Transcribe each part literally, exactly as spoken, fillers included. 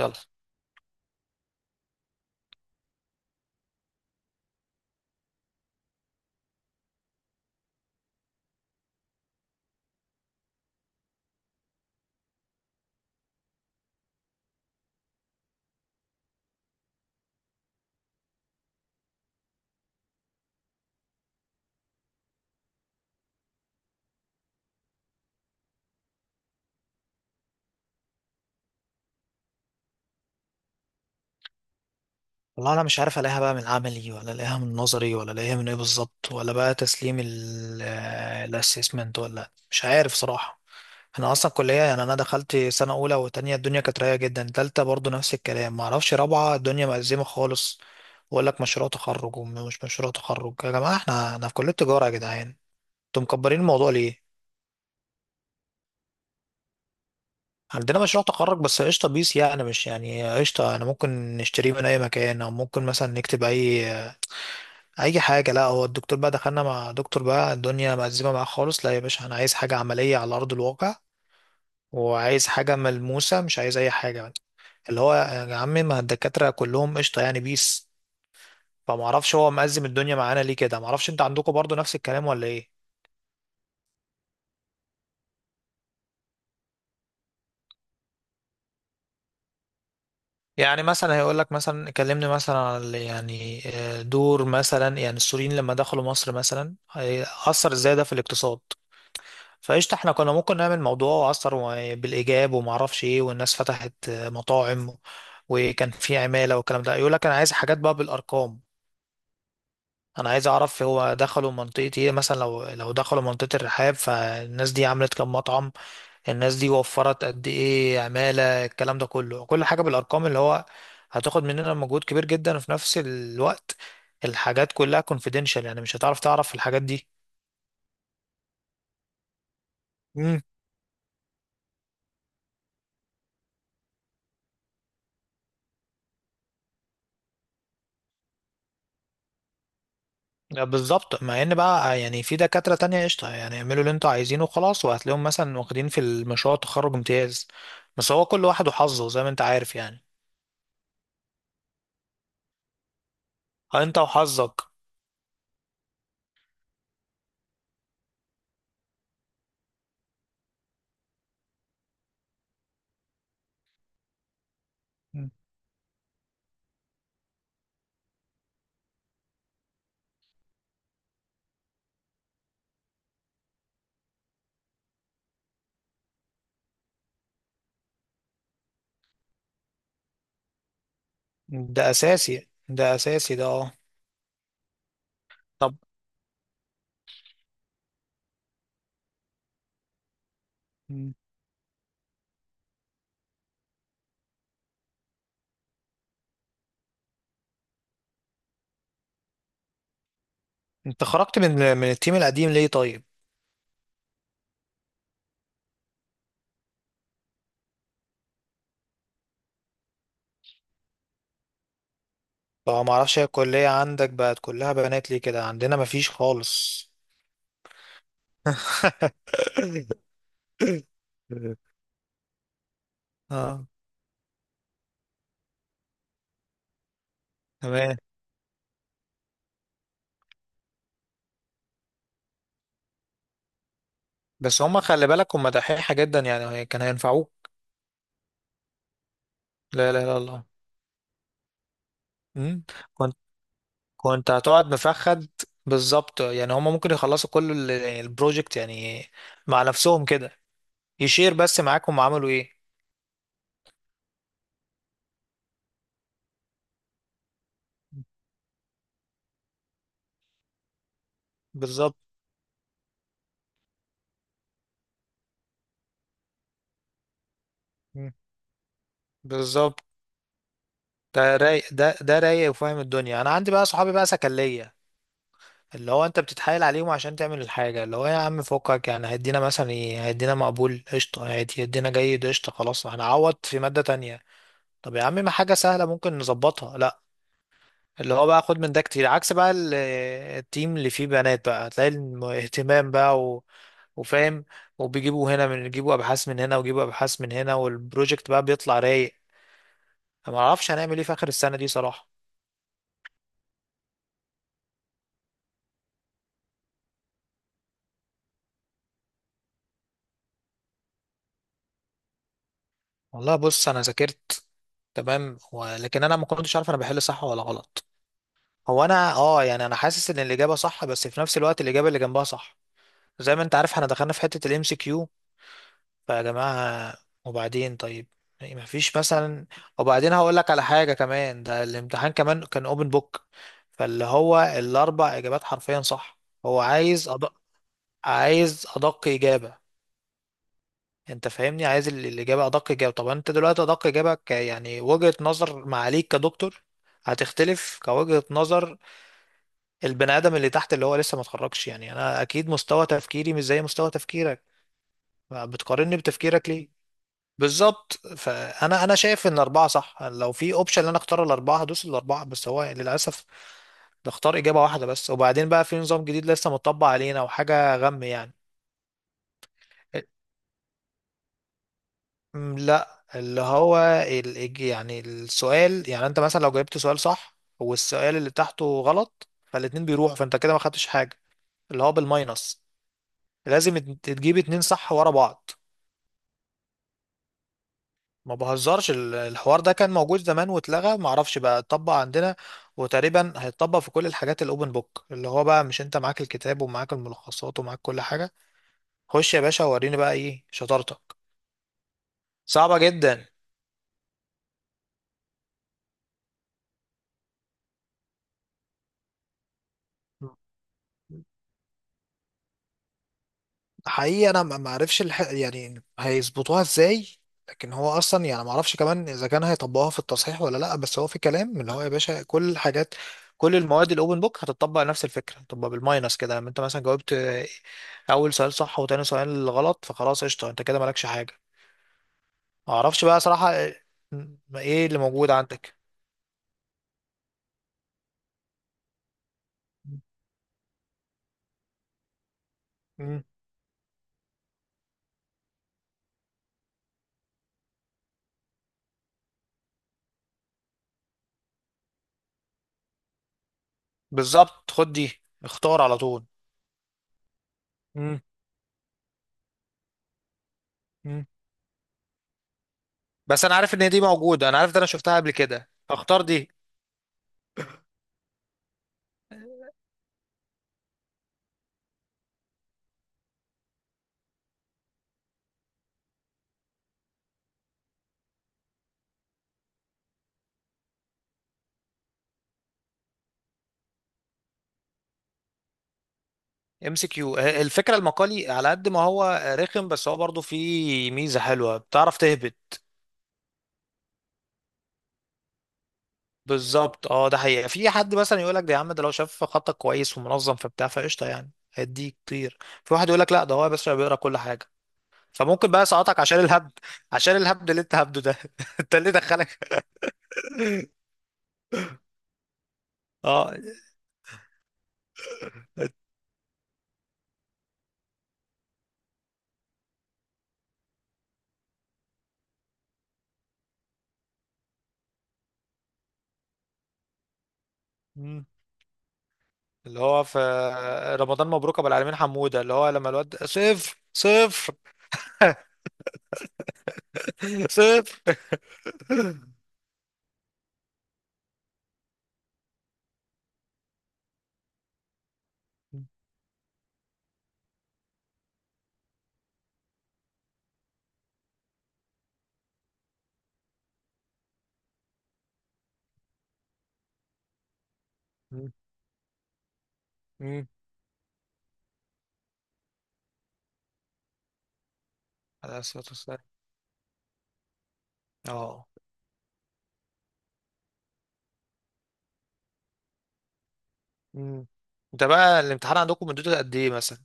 يلا، والله انا مش عارف الاقيها بقى من عملي، ولا الاقيها من نظري، ولا الاقيها من ايه بالظبط، ولا بقى تسليم الاسسمنت، ولا مش عارف صراحة. انا اصلا كلية، يعني انا دخلت سنة اولى وتانية الدنيا كانت رايقة جدا، تالتة برضو نفس الكلام، ما اعرفش رابعة الدنيا مأزمة خالص. واقول لك مشروع تخرج ومش مشروع تخرج يا جماعة، احنا انا في كلية تجارة يا جدعان، انتوا مكبرين الموضوع ليه؟ عندنا مشروع تخرج، بس قشطة بيس، يعني مش يعني قشطة. أنا ممكن نشتريه من أي مكان، أو ممكن مثلا نكتب أي اي حاجه. لا، هو الدكتور بقى دخلنا مع دكتور بقى الدنيا مأزمه معاه خالص. لا يا باشا، انا عايز حاجه عمليه على ارض الواقع، وعايز حاجه ملموسه، مش عايز اي حاجه يعني. اللي هو يا عم، ما الدكاتره كلهم قشطه يعني بيس، فما اعرفش هو مأزم الدنيا معانا ليه كده؟ ما اعرفش، انت عندكم برضو نفس الكلام ولا ايه؟ يعني مثلا هيقول لك مثلا كلمني مثلا على يعني آه، دور مثلا يعني السوريين لما دخلوا مصر مثلا هي- اثر ازاي ده في الاقتصاد. فقشطة احنا كنا ممكن نعمل موضوع أثر و- بالإيجاب، وما أعرفش إيه، والناس فتحت مطاعم وكان في عمالة والكلام ده. يقول لك أنا عايز حاجات بقى بالأرقام. أنا عايز أعرف هو دخلوا منطقة إيه مثلا؟ لو لو دخلوا منطقة الرحاب، فالناس دي عملت كام مطعم، الناس دي وفرت قد إيه عمالة، الكلام ده كله، كل حاجة بالأرقام، اللي هو هتاخد مننا مجهود كبير جدا. وفي نفس الوقت الحاجات كلها confidential، يعني مش هتعرف تعرف الحاجات دي. لا، بالظبط. مع ان بقى يعني في دكاترة تانية قشطة، يعني اعملوا اللي انتوا عايزينه وخلاص، وهتلاقيهم مثلا واخدين في المشروع التخرج امتياز. بس هو كل واحد وحظه زي ما انت عارف يعني. ها انت وحظك. مم. ده اساسي، ده اساسي، ده، اه. طب. مم. انت خرجت من من التيم القديم ليه طيب؟ طبعا، ما اعرفش هي الكلية عندك بقت كلها بنات ليه كده؟ عندنا مفيش خالص. اه، تمام. بس هم خلي بالك هم دحيحة جدا يعني، كان هينفعوك. لا، لا، لا، لا. مم. كنت كنت هتقعد مفخد. بالظبط، يعني هما ممكن يخلصوا كل ال- يعني البروجكت يعني مع نفسهم كده، يشير بس معاك هم عملوا ايه. بالظبط. مم. بالظبط. ده رايق، ده ده رايق وفاهم الدنيا. انا عندي بقى صحابي بقى سكلية، اللي هو انت بتتحايل عليهم عشان تعمل الحاجة، اللي هو يا عم فكك يعني. هيدينا مثلا ايه؟ هيدينا مقبول قشطة، هيدي- هيدينا جيد قشطة، خلاص هنعوض في مادة تانية. طب يا عم، ما حاجة سهلة ممكن نظبطها. لا اللي هو بقى خد من ده كتير، عكس بقى ال- التيم اللي فيه بنات بقى هتلاقي الم- اهتمام بقى و... وفاهم، وبيجيبوا هنا من يجيبوا ابحاث من هنا، ويجيبوا ابحاث من هنا، والبروجكت بقى بيطلع رايق. أنا ما اعرفش هنعمل ايه في اخر السنه دي صراحه. والله بص، انا ذاكرت تمام، ولكن انا ما كنتش عارف انا بحل صح ولا غلط. هو انا اه يعني انا حاسس ان الاجابه صح، بس في نفس الوقت الاجابه اللي جنبها صح. زي ما انت عارف احنا دخلنا في حته الام سي كيو، فيا جماعة، وبعدين طيب، يعني مفيش مثلا. وبعدين هقول لك على حاجة كمان، ده الامتحان كمان كان اوبن بوك. فاللي هو الأربع إجابات حرفيا صح. هو عايز أدق عايز أدق إجابة. أنت فاهمني، عايز ال- الإجابة أدق إجابة. طب أنت دلوقتي أدق إجابة ك يعني وجهة نظر معاليك كدكتور هتختلف كوجهة نظر البني آدم اللي تحت، اللي هو لسه ما اتخرجش يعني. أنا أكيد مستوى تفكيري مش زي مستوى تفكيرك. بتقارني بتفكيرك ليه؟ بالظبط، فانا انا شايف ان اربعه صح. لو في اوبشن ان انا اختار الاربعه هدوس الاربعه، بس هو للاسف بختار اجابه واحده بس. وبعدين بقى في نظام جديد لسه متطبق علينا وحاجه غم يعني. م، لا اللي هو ال- الج- يعني السؤال، يعني انت مثلا لو جاوبت سؤال صح والسؤال اللي تحته غلط، فالاتنين بيروحوا فانت كده ما خدتش حاجه. اللي هو بالماينس، لازم ات- تجيب اتنين صح ورا بعض. ما بهزرش. ال- الحوار ده كان موجود زمان واتلغى، ما اعرفش بقى اتطبق عندنا. وتقريبا هيتطبق في كل الحاجات الاوبن بوك، اللي هو بقى مش انت معاك الكتاب ومعاك الملخصات ومعاك كل حاجة. خش يا باشا وريني بقى ايه شطارتك. صعبة جدا حقيقي. انا ما ما اعرفش الح... يعني هيظبطوها ازاي. لكن هو اصلا يعني ما اعرفش كمان اذا كان هيطبقوها في التصحيح ولا لا. بس هو في كلام، اللي هو يا باشا كل الحاجات، كل المواد الاوبن بوك هتطبق نفس الفكره، هتطبق بالماينس كده، لما انت مثلا جاوبت آه، اول سؤال صح وتاني سؤال غلط، فخلاص قشطه انت كده مالكش حاجه. ما اعرفش بقى صراحه آه، م- ايه اللي موجود عندك؟ مم. بالظبط، خد دي اختار على طول. مم. مم. بس انا عارف ان دي موجوده، انا عارف ده، انا شفتها قبل كده، اختار دي. ام سي كيو. الفكره المقالي على قد ما هو رخم، بس هو برضه فيه ميزه حلوه بتعرف تهبط. بالظبط اه. ده حقيقه، في حد مثلا يقول لك ده يا عم، ده لو شاف خطك كويس ومنظم فبتاع فقشطه يعني هيديك كتير. في واحد يقول لك لا، ده هو بس بيقرا كل حاجه، فممكن بقى يسقطك عشان الهبد، عشان الهبد اللي انت هبده ده. انت اللي دخلك. اه. مم. اللي هو في رمضان مبروك ابو العالمين حموده، اللي هو لما الواد صفر صفر. صفر. مم. مم. على الصوت والسلام. اه. مم. ده بقى الامتحان عندكم مدته قد ايه مثلا؟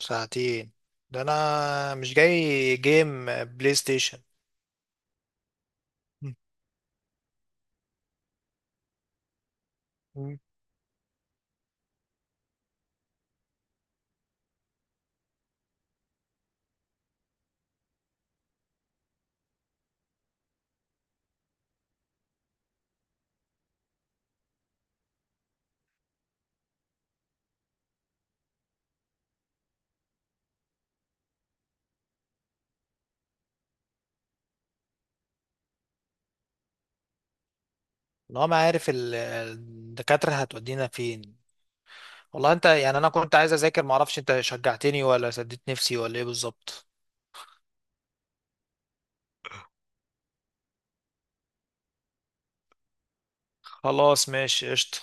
ساعتين؟ ده انا مش جاي جيم بلاي ستيشن. مم. مم. اللي هو ما عارف ال- الدكاترة هتودينا فين. والله انت يعني انا كنت عايز اذاكر، معرفش انت شجعتني ولا سديت نفسي ولا ايه بالظبط. خلاص ماشي قشطة.